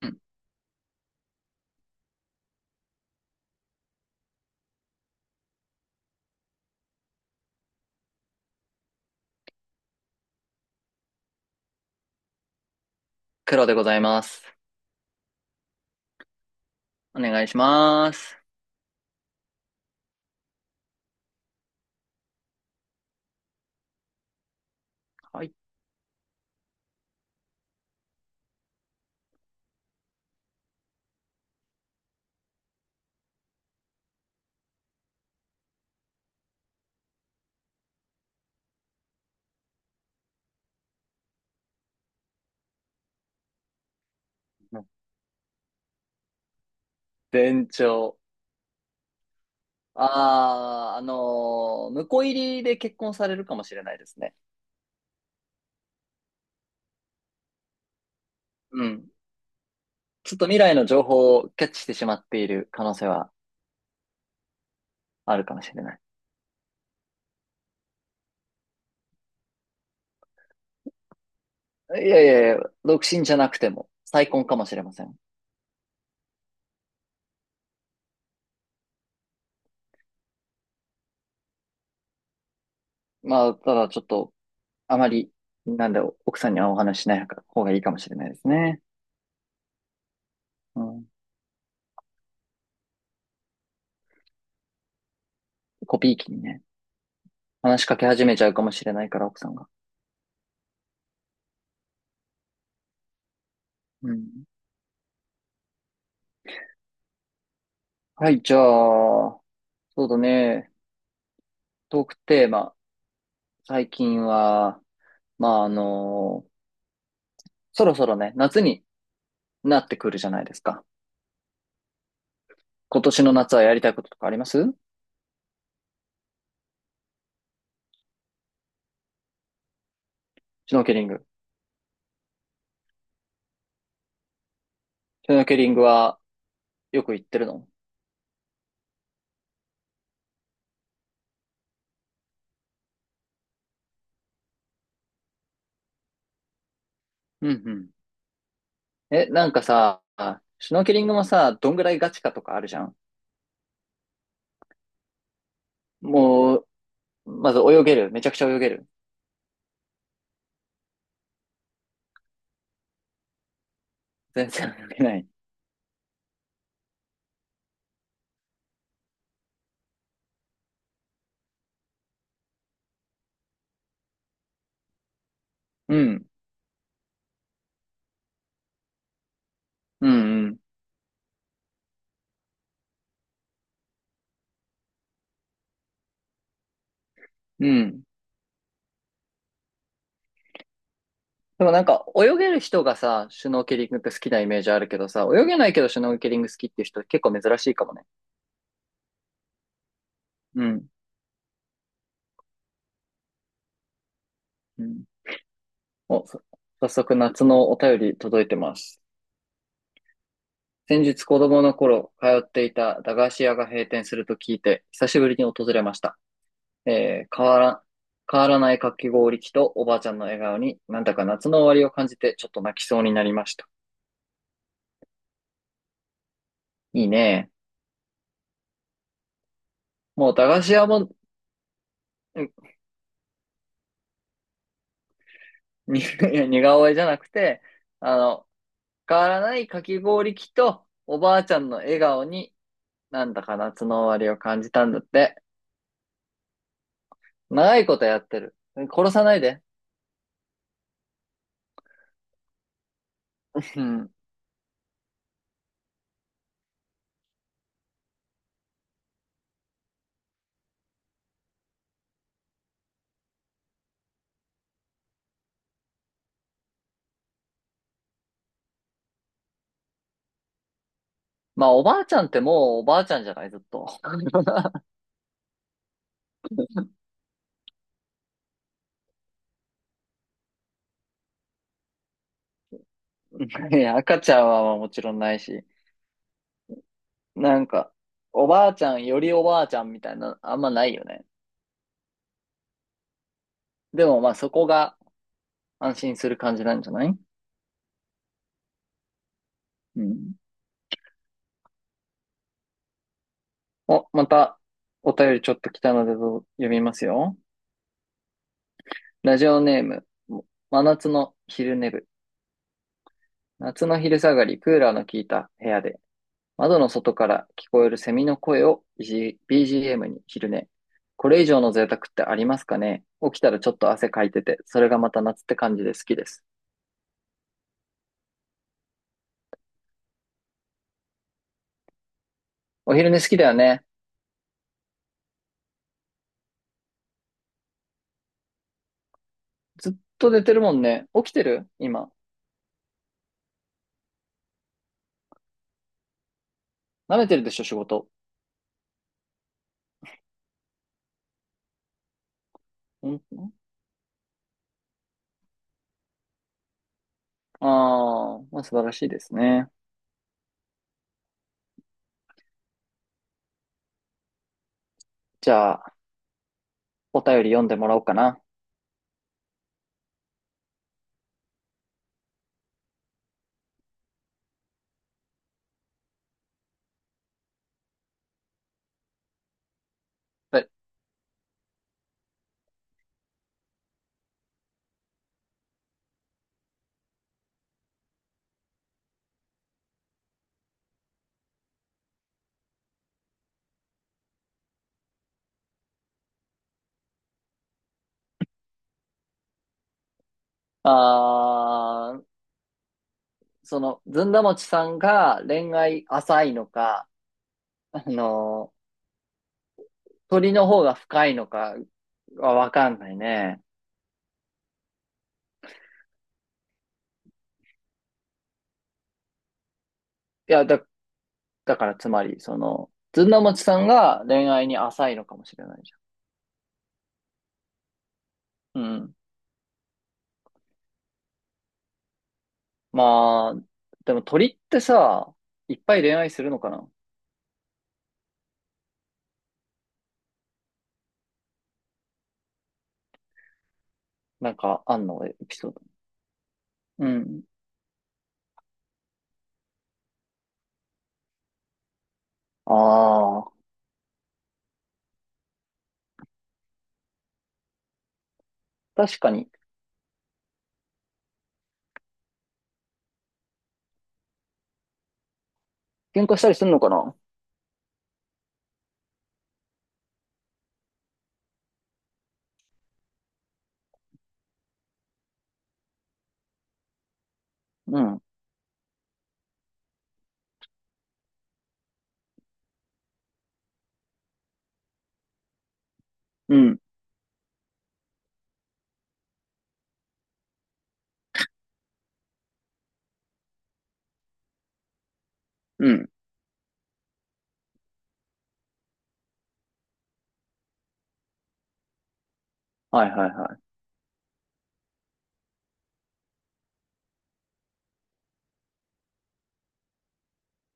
うん。黒でございます。お願いします。はい。店長。ああ、婿入りで結婚されるかもしれないですね。うん。ちょっと未来の情報をキャッチしてしまっている可能性はあるかもしれない。いやいやいや、独身じゃなくても再婚かもしれません。まあ、ただちょっと、あまり、なんで奥さんにはお話ししない方がいいかもしれないですね。うん。コピー機にね、話しかけ始めちゃうかもしれないから、奥さんが。うん。はい、じゃあ、そうだね。トークテーマ。最近は、まあ、そろそろね、夏になってくるじゃないですか。今年の夏はやりたいこととかあります？シュノーケリング。シュノーケリングはよく行ってるの？うんうん。え、なんかさ、シュノーケリングもさ、どんぐらいガチかとかあるじゃん。もう、まず泳げる。めちゃくちゃ泳げる。全然泳げない。うん。うんうん。うん。でもなんか泳げる人がさ、シュノーケリングって好きなイメージあるけどさ、泳げないけどシュノーケリング好きっていう人結構珍しいかもね。うん。うん。お、早速夏のお便り届いてます。先日子供の頃通っていた駄菓子屋が閉店すると聞いて、久しぶりに訪れました。えー変わら、変わらないかき氷機とおばあちゃんの笑顔になんだか夏の終わりを感じてちょっと泣きそうになりました。いいね。もう駄菓子屋も、に いや似顔絵じゃなくて、あの、変わらないかき氷機とおばあちゃんの笑顔になんだか夏の終わりを感じたんだって。長いことやってる。殺さないで。うん。まあおばあちゃんってもうおばあちゃんじゃないずっと。いや赤ちゃんはもちろんないし。なんか、おばあちゃんよりおばあちゃんみたいな、あんまないよね。でもまあそこが安心する感じなんじゃない？うん。お、またお便りちょっと来たので読みますよ。ラジオネーム、真夏の昼寝部。夏の昼下がり、クーラーの効いた部屋で、窓の外から聞こえるセミの声を BGM に昼寝。これ以上の贅沢ってありますかね？起きたらちょっと汗かいてて、それがまた夏って感じで好きです。お昼寝好きだよね。ずっと寝てるもんね。起きてる今。舐めてるでしょ、仕事。んんあー、まあ、素晴らしいですね。じゃあ、お便り読んでもらおうかな。はい。あー、その、ずんだもちさんが恋愛浅いのか、あの鳥の方が深いのかはわかんないね。いや、だからつまり、その、ずんだもちさんが恋愛に浅いのかもしれないじゃん。うん。まあ、でも鳥ってさ、いっぱい恋愛するのかな？なんか、あんのエピソード。うん。ああ、確かに。喧嘩したりするのかな？うん。うん。うん。はいはいは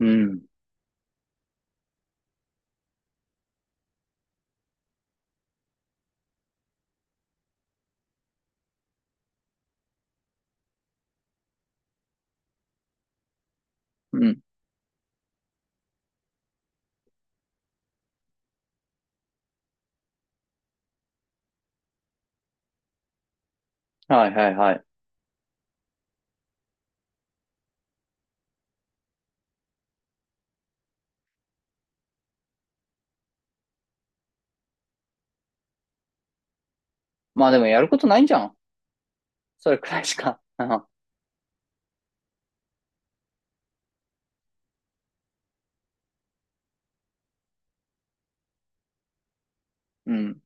い。うん。うん。はいはいはい。まあでもやることないんじゃん。それくらいしか。うん。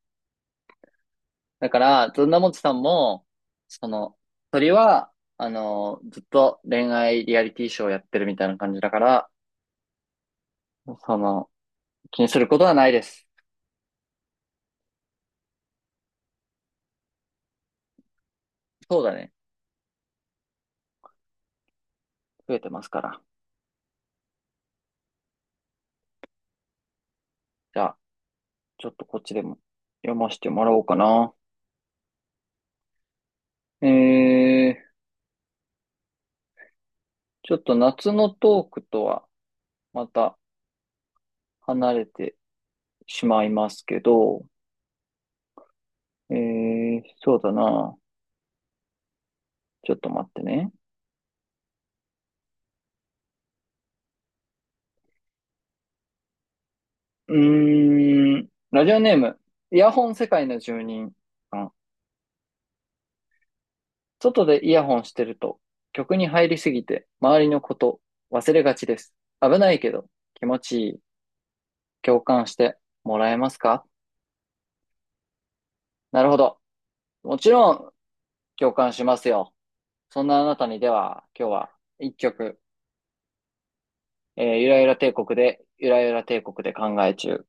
だから、ずんだもちさんも、その、鳥は、あの、ずっと恋愛リアリティショーをやってるみたいな感じだから、その、気にすることはないです。そうだね。増えてますから。じゃあ、ちょっとこっちでも読ませてもらおうかな。えー、ちょっと夏のトークとはまた離れてしまいますけど、えー、そうだな。ちょっと待ってね。うーん、ラジオネーム、イヤホン世界の住人さん。外でイヤホンしてると、曲に入りすぎて、周りのこと忘れがちです。危ないけど、気持ちいい。共感してもらえますか？なるほど。もちろん、共感しますよ。そんなあなたにでは、今日は一曲、えーゆらゆら帝国で、ゆらゆら帝国で考え中。